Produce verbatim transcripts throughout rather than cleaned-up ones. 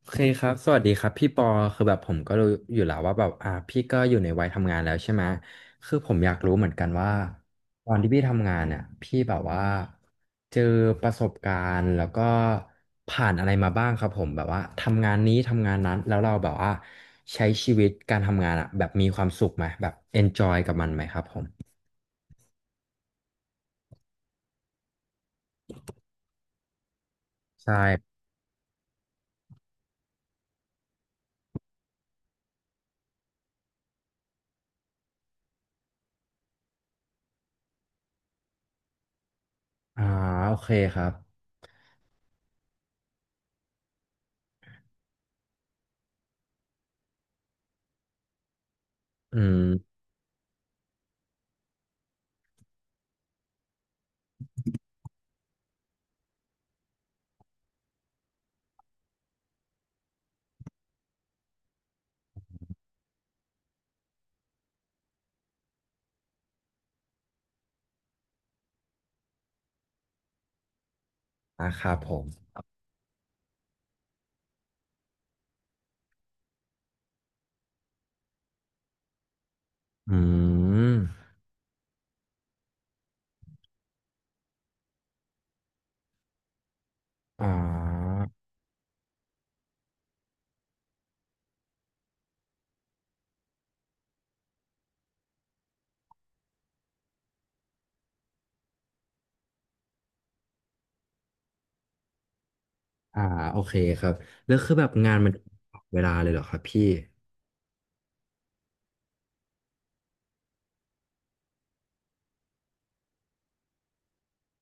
โอเคครับสวัสดีครับพี่ปอคือแบบผมก็รู้อยู่แล้วว่าแบบอ่าพี่ก็อยู่ในวัยทำงานแล้วใช่ไหมคือผมอยากรู้เหมือนกันว่าตอนที่พี่ทำงานเนี่ยพี่แบบว่าเจอประสบการณ์แล้วก็ผ่านอะไรมาบ้างครับผมแบบว่าทำงานนี้ทำงานนั้นแล้วเราแบบว่าใช้ชีวิตการทำงานอ่ะแบบมีความสุขไหมแบบ enjoy กับมันไหมครับผมใช่อ่าโอเคครับอืมนะครับผมอืมอ่า อ่าโอเคครับแล้วคือแบบงานมันเวลาเลยเหรอครับพี่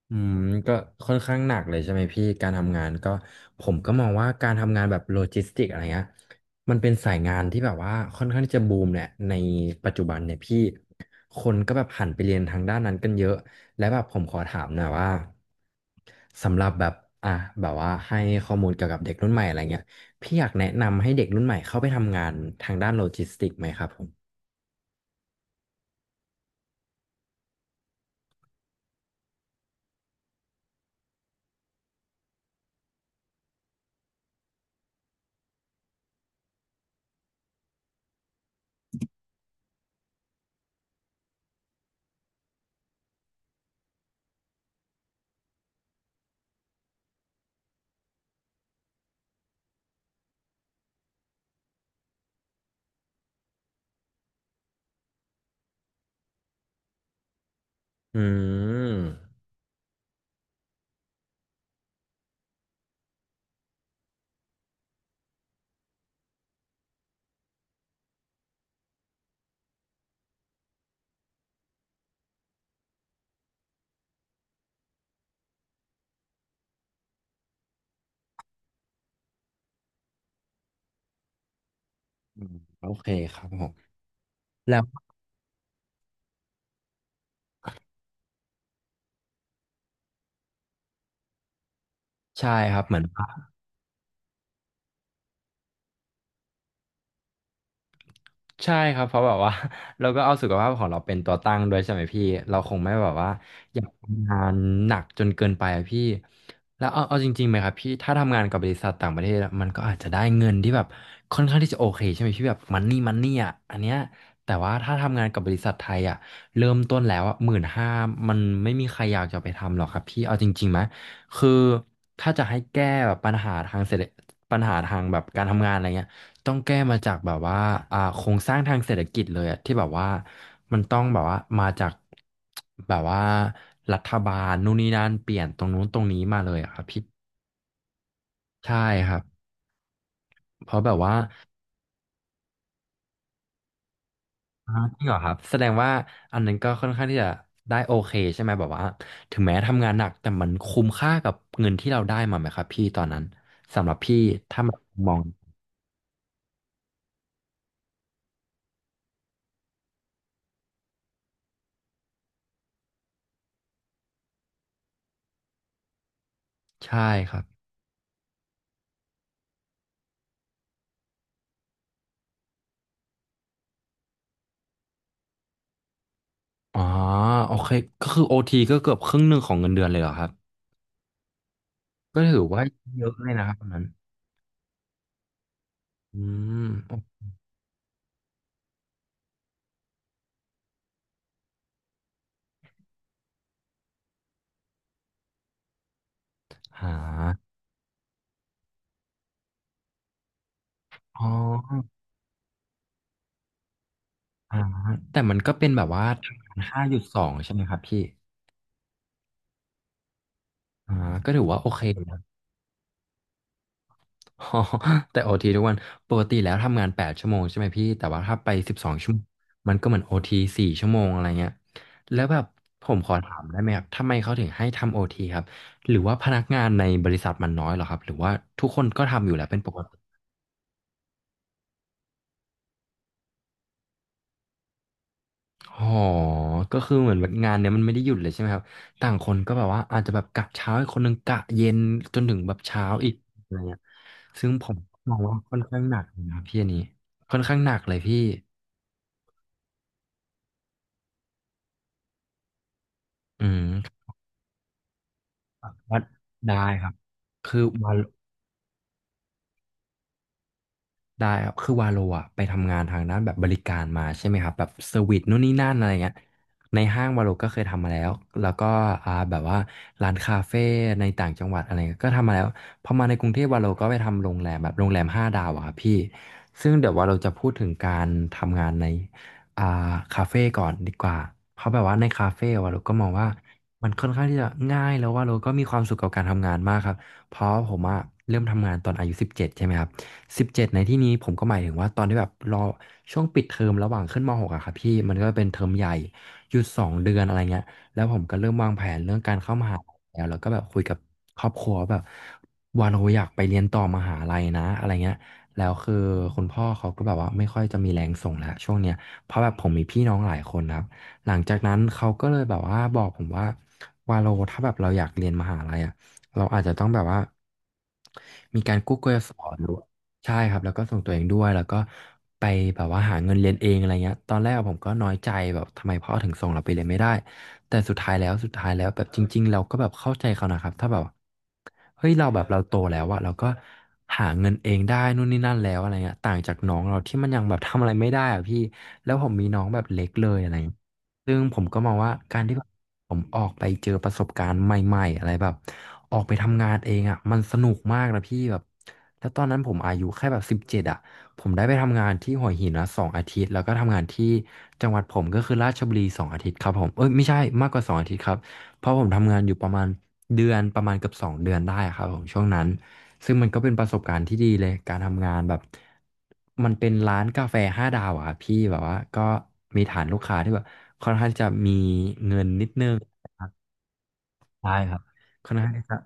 อืมก็ค่อนข้างหนักเลยใช่ไหมพี่การทำงานก็ผมก็มองว่าการทำงานแบบโลจิสติกอะไรเงี้ยมันเป็นสายงานที่แบบว่าค่อนข้างที่จะบูมแหละในปัจจุบันเนี่ยพี่คนก็แบบหันไปเรียนทางด้านนั้นกันเยอะและแบบผมขอถามหน่อยว่าสำหรับแบบอ่ะแบบว่าให้ข้อมูลเกี่ยวกับเด็กรุ่นใหม่อะไรเงี้ยพี่อยากแนะนำให้เด็กรุ่นใหม่เข้าไปทำงานทางด้านโลจิสติกไหมครับผมอืม อืมโอเคครับผมแล้วใช่ครับเหมือนใช่ครับเพราะแบบว่า เราก็เอาสุขภาพของเราเป็นตัวตั้งด้วยใช่ไหมพี่เราคงไม่แบบว่า งานหนักจนเกินไปอะพี่แล้วเอาเอาจริงๆไหมครับพี่ถ้าทำงานกับบริษัทต่างประเทศอะมันก็อาจจะได้เงินที่แบบค่อนข้างที่จะโอเคใช่ไหมพี่แบบมันนี่มันนี่อ่ะอันเนี้ยแต่ว่าถ้าทำงานกับบริษัทไทยอ่ะเริ่มต้นแล้วอ่ะหมื่นห้ามันไม่มีใครอยากจะไปทำหรอกครับพี่เอาจริงๆไหมคือถ้าจะให้แก้แบบปัญหาทางเศรษฐปัญหาทางแบบการทำงานอะไรเงี้ย ต้องแก้มาจากแบบว่าอ่าโครงสร้างทางเศรษฐกิจเลยอะที่แบบว่ามันต้องแบบว่ามาจากแบบว่ารัฐบาลนู่นนี่นั่นเปลี่ยนตรงนู้นตรงนี้มาเลยอะครับพี่ใช่ครับเพราะแบบว่าอ่าจริงเหรอครับแสดงว่าอันนั้นก็ค่อนข้างที่จะได้โอเคใช่ไหมแบบว่าถึงแม้ทำงานหนักแต่มันคุ้มค่ากับเงินที่เราได้มาไหมครับพี่ตอนนั้นครับพี่ถ้ามมองใช่ครับอ๋อโอเคก็คือโอทีก็เกือบครึ่งหนึ่งของเงินเดือนเลยเหรอครับ ก็ถือว่าเยอะเลยนะครับอันนั้นอืมหาอ๋อหาแต่มันก็เป็นแบบว่าห้าจุดสองใช่ไหมครับพี่อ่าก็ถือว่าโอเค นะอ๋อแต่โอทีทุกวันปกติแล้วทำงานแปดชั่วโมงใช่ไหมพี่แต่ว่าถ้าไปสิบสองชั่วโมงมันก็เหมือนโอทีสี่ชั่วโมงอะไรเงี้ยแล้วแบบผมขอถามได้ไหมครับทำไมเขาถึงให้ทำโอทีครับหรือว่าพนักงานในบริษัทมันน้อยเหรอครับหรือว่าทุกคนก็ทำอยู่แล้วเป็นปกติ อ๋อก็คือเหมือนแบบงานเนี้ยมันไม่ได้หยุดเลยใช่ไหมครับต่างคนก็แบบว่าอาจจะแบบกะเช้าอีกคนหนึ่งกะเย็นจนถึงแบบเช้าอีกอะไรเงี้ยซึ่งผมมองว่าค่อนข้างหนักเลยนะพี่อันนี้ค่อนข้างหนักเลยพี่อืมว่าได้ครับคือวัน ได้ครับคือวาโลอะไปทำงานทางด้านแบบบริการมาใช่ไหมครับแบบเซอร์วิสนู่นนี่นั่นอะไรเงี้ยในห้างวาโลก็เคยทำมาแล้วแล้วก็อ่าแบบว่าร้านคาเฟ่ในต่างจังหวัดอะไรเงี้ยก็ทำมาแล้วพอมาในกรุงเทพวาโลก็ไปทำโรงแรมแบบโรงแรมห้าดาวอะครับพี่ซึ่งเดี๋ยววาโลจะพูดถึงการทำงานในอ่าคาเฟ่ก่อนดีกว่าเพราะแบบว่าในคาเฟ่วาโลก็มองว่ามันค่อนข้างที่จะง่ายแล้ววาโลก็มีความสุขกับการทำงานมากครับเพราะผมอะเริ่มทำงานตอนอายุสิบเจ็ดใช่ไหมครับ สิบเจ็ดในที่นี้ผมก็หมายถึงว่าตอนที่แบบรอช่วงปิดเทอมระหว่างขึ้นมหกอะครับพี่มันก็เป็นเทอมใหญ่หยุดสองเดือนอะไรเงี้ยแล้วผมก็เริ่มวางแผนเรื่องการเข้ามหาลัยแล้วแล้วก็แบบคุยกับครอบครัวแบบว่าเราอยากไปเรียนต่อมหาลัยนะอะไรเงี้ยแล้วคือคุณพ่อเขาก็แบบว่าไม่ค่อยจะมีแรงส่งแล้วช่วงเนี้ยเพราะแบบผมมีพี่น้องหลายคนนะครับหลังจากนั้นเขาก็เลยแบบว่าบอกผมว่าวาโลถ้าแบบเราอยากเรียนมหาลัยอะเราอาจจะต้องแบบว่ามีการกู้กยศหรือ ใช่ครับแล้วก็ส่งตัวเองด้วยแล้วก็ไปแบบว่าหาเงินเรียนเองอะไรเงี้ยตอนแรกผมก็น้อยใจแบบทำไมพ่อถึงส่งเราไปเรียนไม่ได้แต่สุดท้ายแล้วสุดท้ายแล้วแบบจริงๆเราก็แบบเข้าใจเขานะครับถ้าแบบเฮ้ยเราแบบเราโตแล้วอะเราก็หาเงินเองได้นู่นนี่นั่นแล้วอะไรเงี้ยต่างจากน้องเราที่มันยังแบบทำอะไรไม่ได้อะพี่แล้วผมมีน้องแบบเล็กเลยอะไรเงี้ย ซึ่งผมก็มองว่าการที่แบบผมออกไปเจอประสบการณ์ใหม่ๆอะไรแบบออกไปทำงานเองอ่ะมันสนุกมากนะพี่แบบแล้วตอนนั้นผมอายุแค่แบบสิบเจ็ดอ่ะผมได้ไปทำงานที่หัวหินนะสองอาทิตย์แล้วก็ทำงานที่จังหวัดผมก็คือราชบุรีสองอาทิตย์ครับผมเอ้ยไม่ใช่มากกว่าสองอาทิตย์ครับ เพราะผมทำงานอยู่ประมาณเดือนประมาณเกือบสองเดือนได้อะครับผมช่วงนั้นซึ่งมันก็เป็นประสบการณ์ที่ดีเลยการทำงานแบบมันเป็นร้านกาแฟห้าดาวอะครับพี่แบบว่าก็มีฐานลูกค้าที่แบบค่อนข้างจะมีเงินนิดนึงใช่ครับค่อนข้างจะ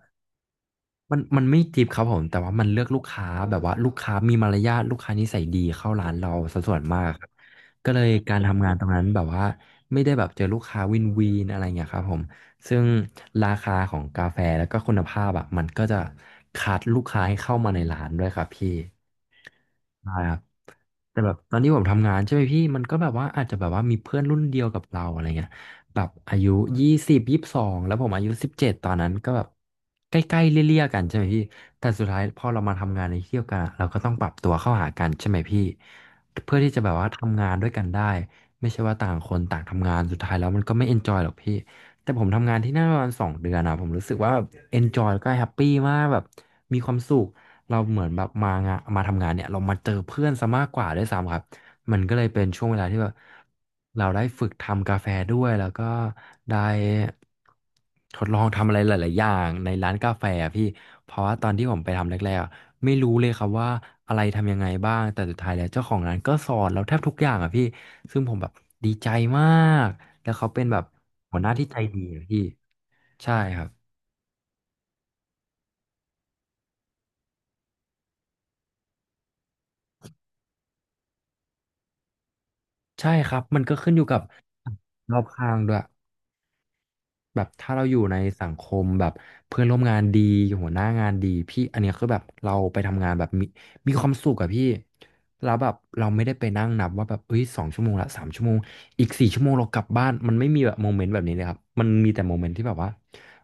มันมันไม่จีบครับผมแต่ว่ามันเลือกลูกค้าแบบว่าลูกค้ามีมารยาทลูกค้านิสัยดีเข้าร้านเราสัดส่วนมากครับก็เลยการทำงานตรงนั้นแบบว่าไม่ได้แบบเจอลูกค้าวินวีนอะไรเงี้ยครับผมซึ่งราคาของกาแฟแล้วก็คุณภาพอ่ะมันก็จะคัดลูกค้าให้เข้ามาในร้านด้วยครับพี่ใช่ครับแต่แบบตอนที่ผมทำงานใช่ไหมพี่มันก็แบบว่าอาจจะแบบว่ามีเพื่อนรุ่นเดียวกับเราอะไรเงี้ย แบบอายุยี่สิบยี่สิบสองแล้วผมอายุสิบเจ็ดตอนนั้นก็แบบใกล้ๆเลี่ยๆกันใช่ไหมพี่แต่สุดท้ายพอเรามาทำงานในที่เที่ยวกันอะเราก็ต้องปรับตัวเข้าหากันใช่ไหมพี่เพื่อที่จะแบบว่าทำงานด้วยกันได้ไม่ใช่ว่าต่างคนต่างทำงานสุดท้ายแล้วมันก็ไม่เอนจอยหรอกพี่แต่ผมทำงานที่นั่นประมาณสองเดือนอะผมรู้สึกว่าเอนจอยแล้วก็แฮปปี้มากแบบมีความสุข เราเหมือนแบบมางานมาทำงานเนี่ยเรามาเจอเพื่อนซะมากกว่าด้วยซ้ำครับมันก็เลยเป็นช่วงเวลาที่แบบเราได้ฝึกทำกาแฟด้วยแล้วก็ได้ทดลองทำอะไรหลายๆอย่างในร้านกาแฟอะพี่เพราะว่าตอนที่ผมไปทำแรกๆอะไม่รู้เลยครับว่าอะไรทำยังไงบ้างแต่สุดท้ายแล้วเจ้าของร้านก็สอนเราแทบทุกอย่างอ่ะพี่ซึ่งผมแบบดีใจมากแล้วเขาเป็นแบบหัวหน้าที่ใจดีอะพี่ใช่ครับใช่ครับมันก็ขึ้นอยู่กับรอบข้างด้วย แบบถ้าเราอยู่ในสังคมแบบเพื่อนร่วมงานดีหัวหน้างานดีพี่อันเนี้ยคือแบบเราไปทำงานแบบมีมีความสุขอะพี่แล้วแบบเราไม่ได้ไปนั่งนับว่าแบบเอ้ยสองชั่วโมงละสามชั่วโมงอีกสี่ชั่วโมงเรากลับบ้านมันไม่มีแบบโมเมนต์แบบนี้เลยครับมันมีแต่โมเมนต์ที่แบบว่า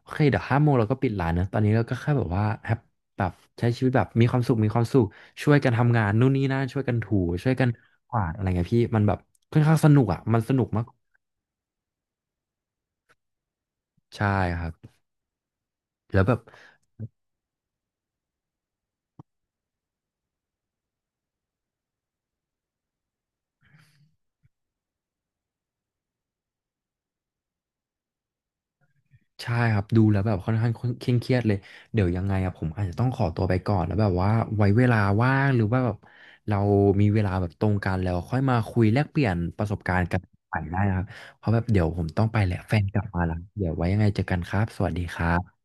โอเคเดี๋ยวห้าโมงเราก็ปิดร้านนะตอนนี้เราก็แค่แบบว่าแฮปแบบใช้ชีวิตแบบมีความสุขมีความสุขช่วยกันทำงานนู่นนี่นั่นช่วยกันถูช่วยกันกวาดอะไรเงี้ยพี่มันแบบค่อนข้างสนุกอะมันสนุกมากใช่ครับแล้วแบบ ใช่ครับดูแล้วแบบค่อนข้างเคร่งเครียดเลยเดี๋ยวยังไงอะผมอาจจะต้องขอตัวไปก่อนแล้วแบบว่าไว้เวลาว่างหรือว่าแบบเรามีเวลาแบบตรงกันแล้วค่อยมาคุยแลกเปลี่ยนประสบการณ์กันใหม่ได้นะครับเพราะแบบเดี๋ยวผมต้องไปแหละแฟนกลับมาแล้วเดี๋ยวไว้ยังไงเจอกันครับสวัสดีครับ